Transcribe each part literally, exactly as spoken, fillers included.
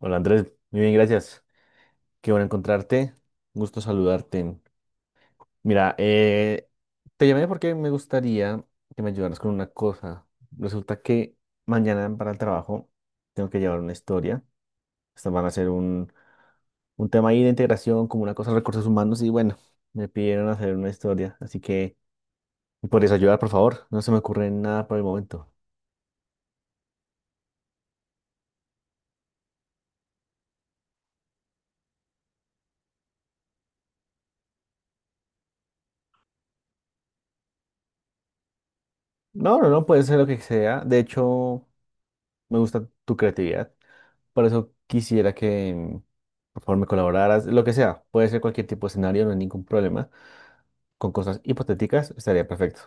Hola Andrés, muy bien, gracias. Qué bueno encontrarte. Un gusto saludarte. Mira, eh, te llamé porque me gustaría que me ayudaras con una cosa. Resulta que mañana para el trabajo tengo que llevar una historia. Estas van a ser un, un tema ahí de integración, como una cosa de recursos humanos. Y bueno, me pidieron hacer una historia. Así que, ¿me ¿podrías ayudar, por favor? No se me ocurre nada por el momento. No, no, no, puede ser lo que sea. De hecho. Me gusta tu creatividad. Por eso quisiera que, por favor, me colaboraras. Lo que sea, puede ser cualquier tipo de escenario, no hay ningún problema. Con cosas hipotéticas estaría perfecto.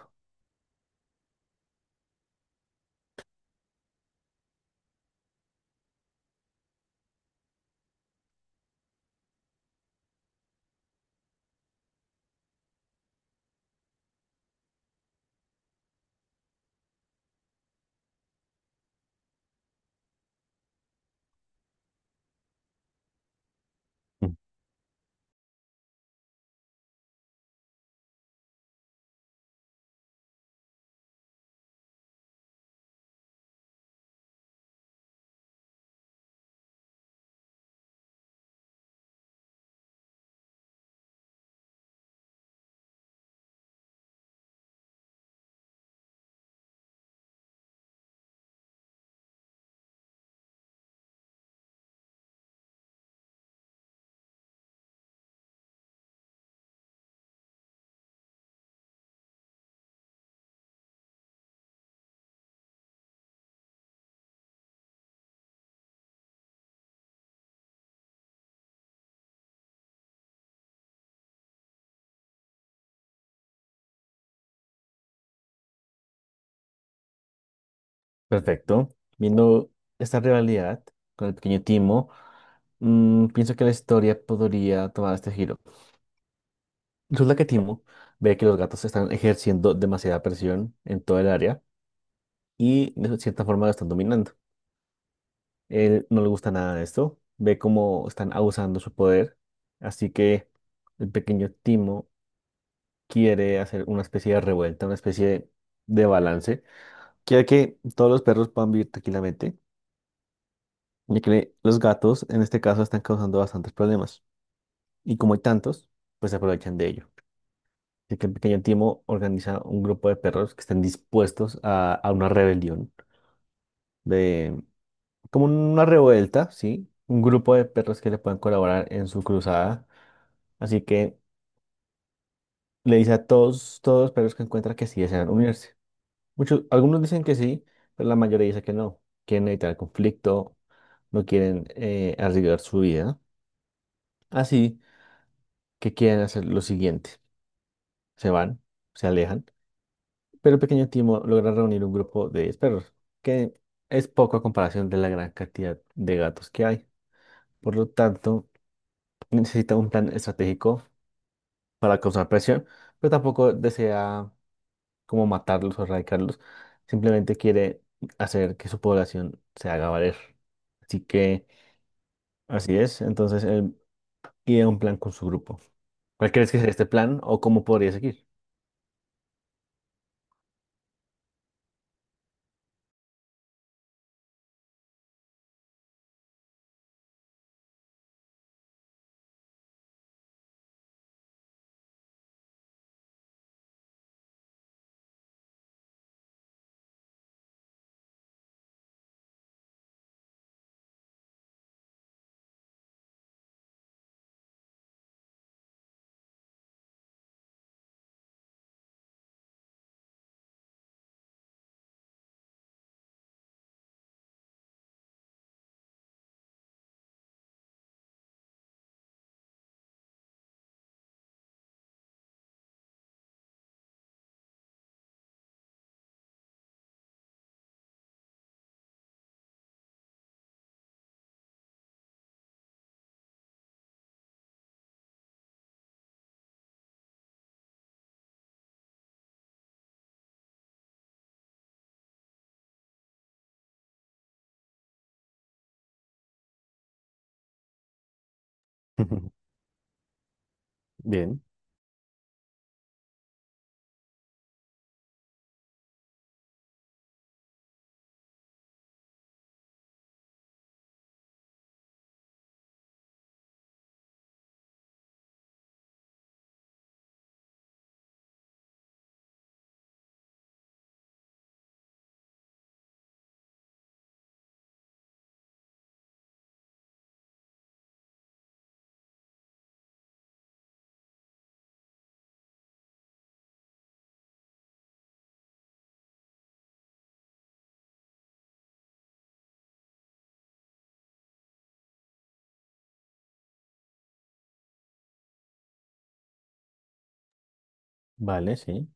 Mm. Perfecto. Viendo esta rivalidad con el pequeño Timo, mm, pienso que la historia podría tomar este giro. Resulta que Timo ve que los gatos están ejerciendo demasiada presión en toda el área y de cierta forma lo están dominando. Él no le gusta nada de esto, ve cómo están abusando su poder, así que el pequeño Timo quiere hacer una especie de revuelta, una especie de, de balance. Quiere que todos los perros puedan vivir tranquilamente, ya que los gatos en este caso están causando bastantes problemas. Y como hay tantos, pues se aprovechan de ello. Así que el pequeño Timo organiza un grupo de perros que están dispuestos a, a una rebelión como una revuelta, ¿sí? Un grupo de perros que le pueden colaborar en su cruzada. Así que le dice a todos, todos los perros que encuentra que sí desean unirse. Muchos, algunos dicen que sí, pero la mayoría dice que no. Quieren evitar el conflicto, no quieren eh, arriesgar su vida. Así que quieren hacer lo siguiente. Se van, se alejan, pero el pequeño Timo logra reunir un grupo de diez perros, que es poco a comparación de la gran cantidad de gatos que hay. Por lo tanto, necesita un plan estratégico para causar presión, pero tampoco desea como matarlos o erradicarlos, simplemente quiere hacer que su población se haga valer. Así que así es, entonces él idea un plan con su grupo. ¿Cuál crees que sería este plan o cómo podría seguir? Bien. Vale, sí.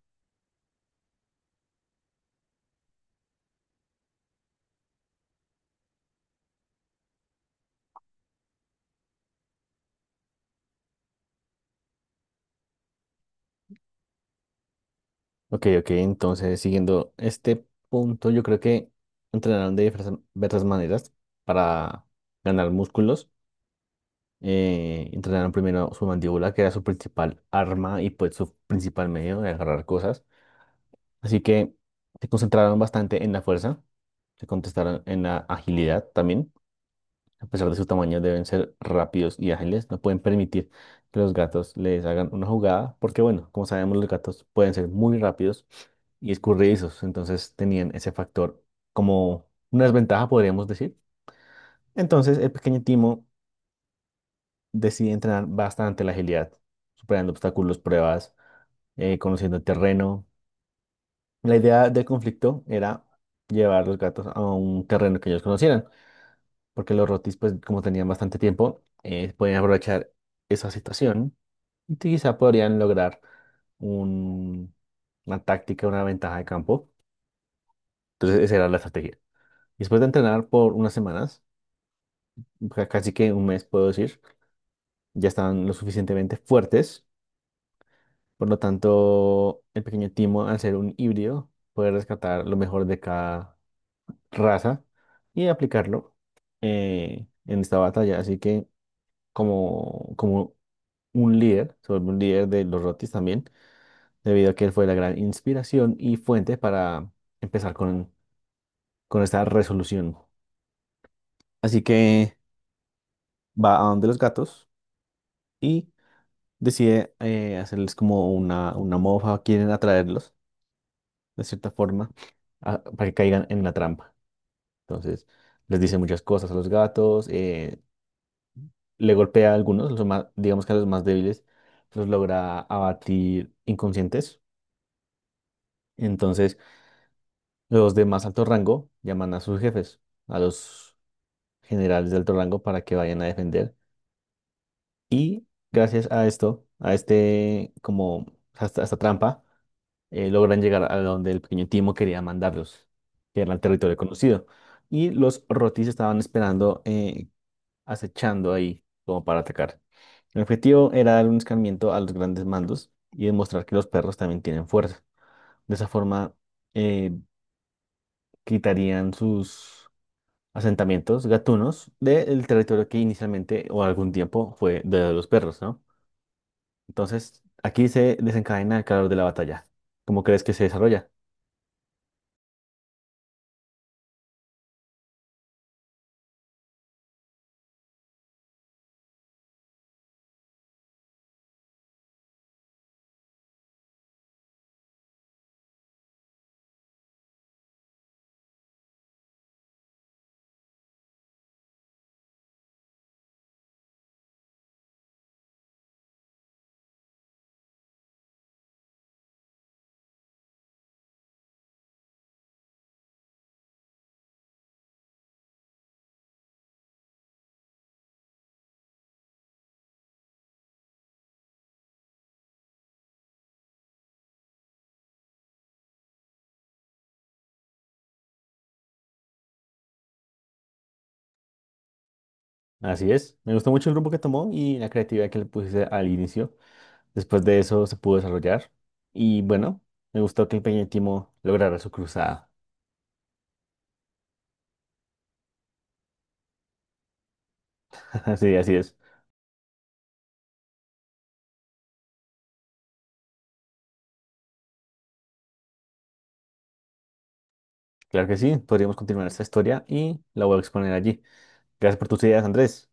Ok, ok, entonces siguiendo este punto, yo creo que entrenarán de diversas diversas maneras para ganar músculos eh, entrenaron primero su mandíbula, que era su principal arma y pues su principal medio de agarrar cosas. Así que se concentraron bastante en la fuerza, se contestaron en la agilidad también. A pesar de su tamaño, deben ser rápidos y ágiles. No pueden permitir que los gatos les hagan una jugada, porque bueno, como sabemos, los gatos pueden ser muy rápidos y escurridizos. Entonces tenían ese factor como una desventaja, podríamos decir. Entonces el pequeño Timo decidí entrenar bastante la agilidad, superando obstáculos, pruebas, eh, conociendo el terreno. La idea del conflicto era llevar los gatos a un terreno que ellos conocieran, porque los rotis, pues como tenían bastante tiempo, eh, podían aprovechar esa situación y quizá podrían lograr un- una táctica, una ventaja de campo. Entonces esa era la estrategia. Después de entrenar por unas semanas, ca- casi que un mes puedo decir, ya estaban lo suficientemente fuertes. Por lo tanto, el pequeño Timo, al ser un híbrido, puede rescatar lo mejor de cada raza y aplicarlo eh, en esta batalla. Así que, como, como, un líder, se vuelve un líder de los Rotis también, debido a que él fue la gran inspiración y fuente para empezar con, con esta resolución. Así que va a donde los gatos y decide eh, hacerles como una, una mofa, quieren atraerlos de cierta forma a- para que caigan en la trampa. Entonces, les dice muchas cosas a los gatos, eh, le golpea a algunos, los más, digamos que a los más débiles, los logra abatir inconscientes. Entonces, los de más alto rango llaman a sus jefes, a los generales de alto rango para que vayan a defender. Y gracias a esto, a este, como, a esta a esta trampa, eh, logran llegar a donde el pequeño Timo quería mandarlos, que era el territorio conocido. Y los Rotis estaban esperando eh, acechando ahí como para atacar. El objetivo era dar un escarmiento a los grandes mandos y demostrar que los perros también tienen fuerza. De esa forma, eh, quitarían sus asentamientos gatunos del territorio que inicialmente o algún tiempo fue de los perros, ¿no? Entonces, aquí se desencadena el calor de la batalla. ¿Cómo crees que se desarrolla? Así es. Me gustó mucho el rumbo que tomó y la creatividad que le puse al inicio. Después de eso se pudo desarrollar y bueno, me gustó que el Peñítimo lograra su cruzada. Sí, así es. Claro que sí, podríamos continuar esta historia y la voy a exponer allí. Gracias por tus ideas, Andrés.